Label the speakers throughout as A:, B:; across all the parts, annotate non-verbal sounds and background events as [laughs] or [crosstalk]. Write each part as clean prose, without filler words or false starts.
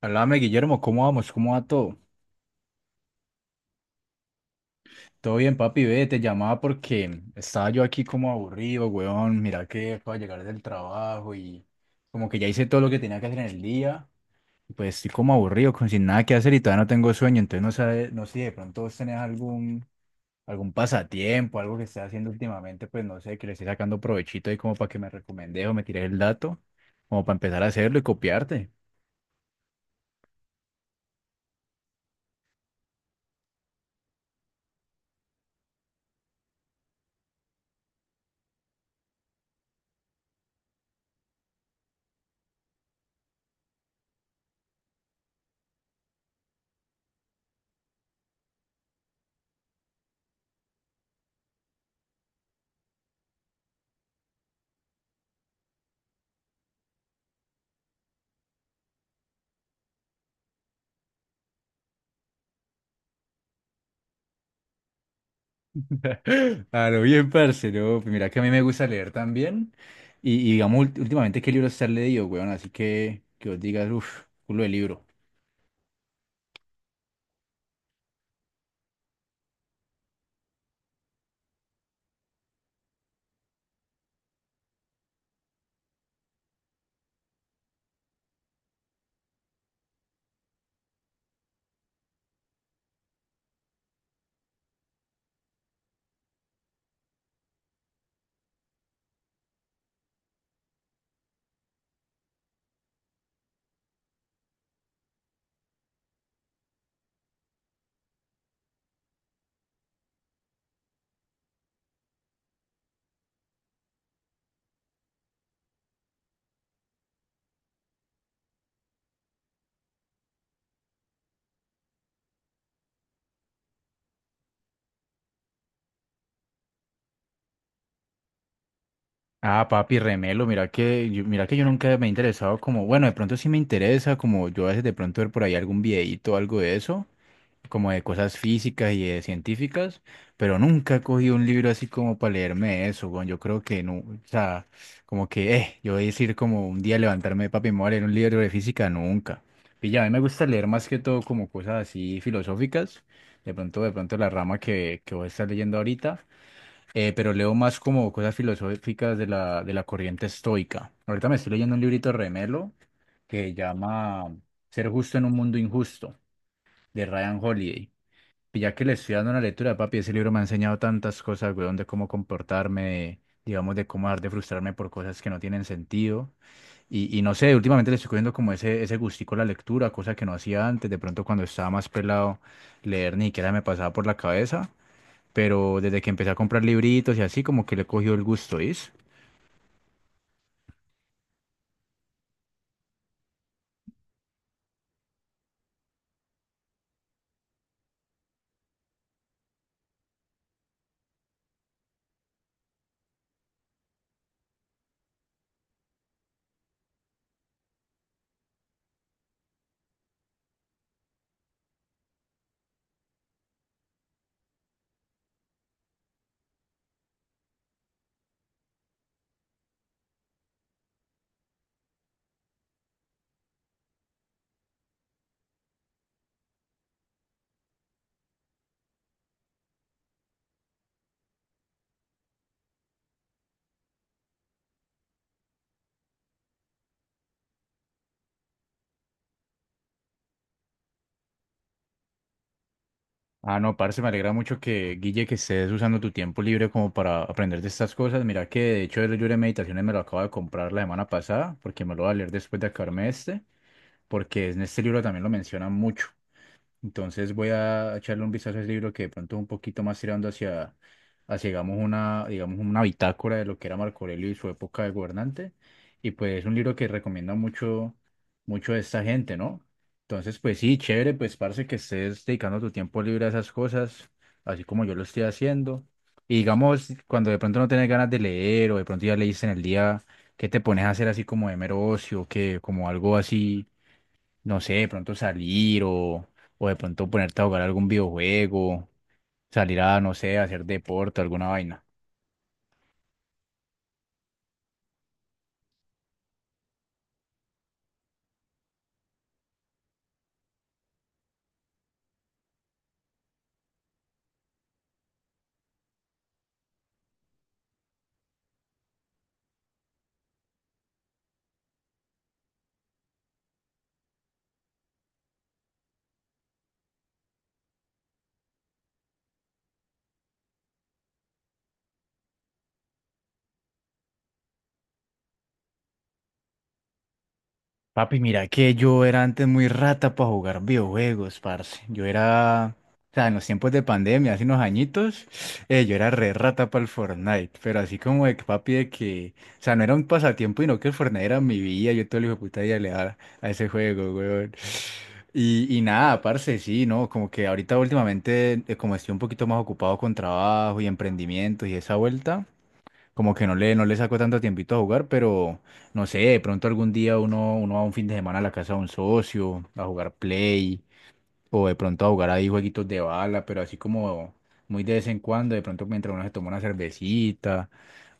A: Háblame, Guillermo, ¿cómo vamos? ¿Cómo va todo? Todo bien, papi, ve, te llamaba porque estaba yo aquí como aburrido, weón. Mira que acabo de llegar del trabajo y como que ya hice todo lo que tenía que hacer en el día. Y pues estoy como aburrido, con sin nada que hacer y todavía no tengo sueño. Entonces no sé, no sé si de pronto vos tenés algún pasatiempo, algo que estés haciendo últimamente, pues no sé, que le esté sacando provechito ahí como para que me recomendes o me tires el dato, como para empezar a hacerlo y copiarte. [laughs] Claro, bien, parce, ¿no? Pues mira que a mí me gusta leer también. Y digamos, últimamente, ¿qué libros te has leído, weón? Así que os digas, uff, culo de libro. Ah, papi, remelo, mira que yo nunca me he interesado como, bueno, de pronto sí me interesa, como yo a veces de pronto ver por ahí algún videíto o algo de eso, como de cosas físicas y de científicas, pero nunca he cogido un libro así como para leerme eso, weón. Yo creo que no, o sea, como que, yo voy a decir como un día levantarme, papi, me voy a leer un libro de física, nunca. Y ya, a mí me gusta leer más que todo como cosas así filosóficas, de pronto la rama que voy a estar leyendo ahorita, pero leo más como cosas filosóficas de la corriente estoica. Ahorita me estoy leyendo un librito de Remelo que llama Ser justo en un mundo injusto, de Ryan Holiday. Ya que le estoy dando una lectura, papi, ese libro me ha enseñado tantas cosas, weón, de cómo comportarme, digamos, de cómo dejar de frustrarme por cosas que no tienen sentido. Y no sé, últimamente le estoy cogiendo como ese gustico a la lectura, cosa que no hacía antes. De pronto, cuando estaba más pelado, leer ni siquiera me pasaba por la cabeza. Pero desde que empecé a comprar libritos y así, como que le he cogido el gusto, ¿is? Ah, no, parce, me alegra mucho que, Guille, que estés usando tu tiempo libre como para aprender de estas cosas. Mira que, de hecho, el libro de meditaciones me lo acabo de comprar la semana pasada, porque me lo voy a leer después de acabarme este, porque en este libro también lo mencionan mucho. Entonces voy a echarle un vistazo a ese libro que de pronto es un poquito más tirando hacia digamos, digamos, una bitácora de lo que era Marco Aurelio y su época de gobernante. Y pues es un libro que recomienda mucho, mucho a esta gente, ¿no? Entonces, pues sí, chévere, pues parece que estés dedicando tu tiempo libre a esas cosas, así como yo lo estoy haciendo. Y digamos, cuando de pronto no tienes ganas de leer o de pronto ya leíste en el día, ¿qué te pones a hacer así como de mero ocio, que como algo así? No sé, de pronto salir o de pronto ponerte a jugar algún videojuego, salir a, no sé, a hacer deporte, alguna vaina. Papi, mira que yo era antes muy rata para jugar videojuegos, parce. Yo era, o sea, en los tiempos de pandemia, hace unos añitos, yo era re rata para el Fortnite. Pero así como de que, papi, de que, o sea, no era un pasatiempo, sino que el Fortnite era mi vida. Yo todo el hijo de puta día le daba a ese juego, weón. Y nada, parce, sí, ¿no? Como que ahorita últimamente, como estoy un poquito más ocupado con trabajo y emprendimientos y esa vuelta. Como que no le saco tanto tiempito a jugar, pero no sé, de pronto algún día uno va un fin de semana a la casa de un socio a jugar Play o de pronto a jugar ahí jueguitos de bala, pero así como muy de vez en cuando, de pronto mientras uno se toma una cervecita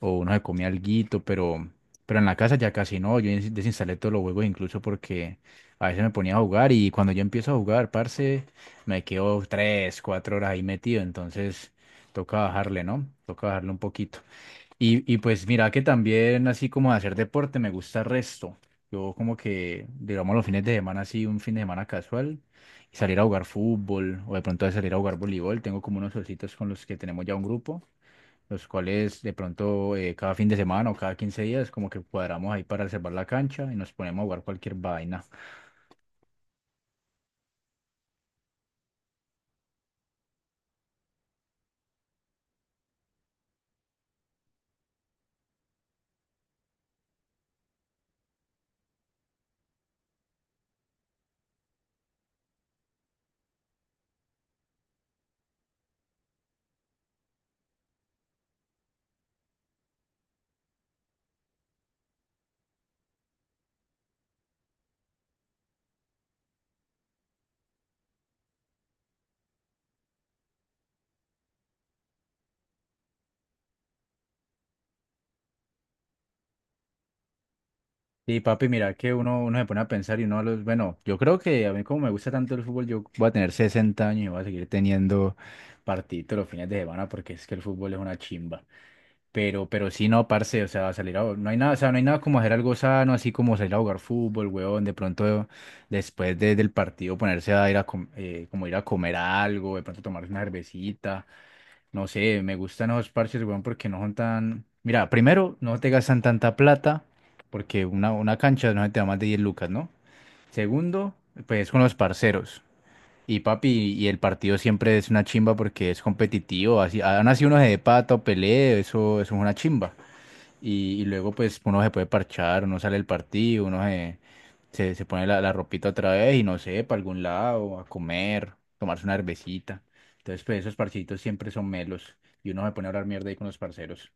A: o uno se come alguito, pero en la casa ya casi no, yo desinstalé todos los juegos incluso porque a veces me ponía a jugar y cuando yo empiezo a jugar, parce, me quedo 3, 4 horas ahí metido, entonces toca bajarle, ¿no? Toca bajarle un poquito. Y pues mira que también así como de hacer deporte me gusta el resto. Yo como que, digamos, los fines de semana así, un fin de semana casual, y salir a jugar fútbol o de pronto salir a jugar voleibol. Tengo como unos ositos con los que tenemos ya un grupo, los cuales de pronto cada fin de semana o cada 15 días como que cuadramos ahí para reservar la cancha y nos ponemos a jugar cualquier vaina. Sí, papi, mira que uno se pone a pensar y uno, los, bueno, yo creo que a mí como me gusta tanto el fútbol, yo voy a tener 60 años y voy a seguir teniendo partidos los fines de semana porque es que el fútbol es una chimba. Pero sí, no, parce, o sea, salir a, no hay nada, o sea, no hay nada como hacer algo sano, así como salir a jugar fútbol, huevón, de pronto después del partido ponerse a ir a, como ir a comer algo, de pronto tomarse una cervecita. No sé, me gustan esos parches, weón, porque no son tan. Mira, primero, no te gastan tanta plata, porque una cancha no se te da más de 10 lucas, ¿no? Segundo, pues con los parceros. Y papi, y el partido siempre es una chimba porque es competitivo. Así, han así uno se de pato, pelee, eso es una chimba y luego pues uno se puede parchar, uno sale del partido, uno se pone la ropita otra vez y no sé, para algún lado, a comer, tomarse una cervecita. Entonces pues esos parchecitos siempre son melos y uno se pone a hablar mierda ahí con los parceros.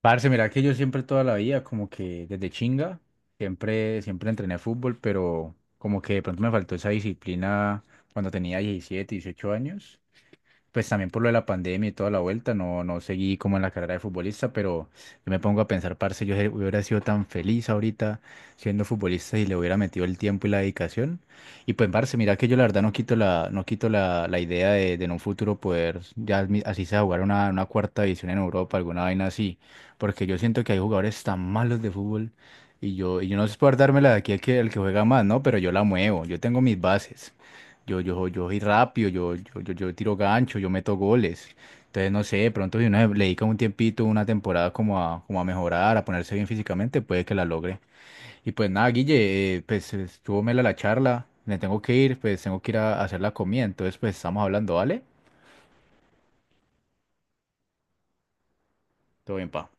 A: Parce, mira que yo siempre toda la vida, como que desde chinga, siempre, siempre entrené fútbol, pero como que de pronto me faltó esa disciplina cuando tenía 17, 18 años pues también por lo de la pandemia y toda la vuelta, no, no seguí como en la carrera de futbolista, pero yo me pongo a pensar, parce, yo hubiera sido tan feliz ahorita siendo futbolista y le hubiera metido el tiempo y la dedicación. Y pues, parce, mira que yo la verdad no quito la idea de en un futuro poder, ya así sea, jugar una cuarta división en Europa, alguna vaina así, porque yo siento que hay jugadores tan malos de fútbol. Y yo no sé por dármela de aquí el que juega más, ¿no? Pero yo la muevo, yo tengo mis bases. Yo soy rápido, yo tiro gancho, yo meto goles. Entonces, no sé, de pronto si uno le dedica un tiempito, una temporada como a mejorar, a ponerse bien físicamente, puede que la logre. Y pues nada, Guille, pues estuvo mela la charla, me tengo que ir, pues tengo que ir a hacer la comida, entonces pues estamos hablando, ¿vale? Todo bien, pa.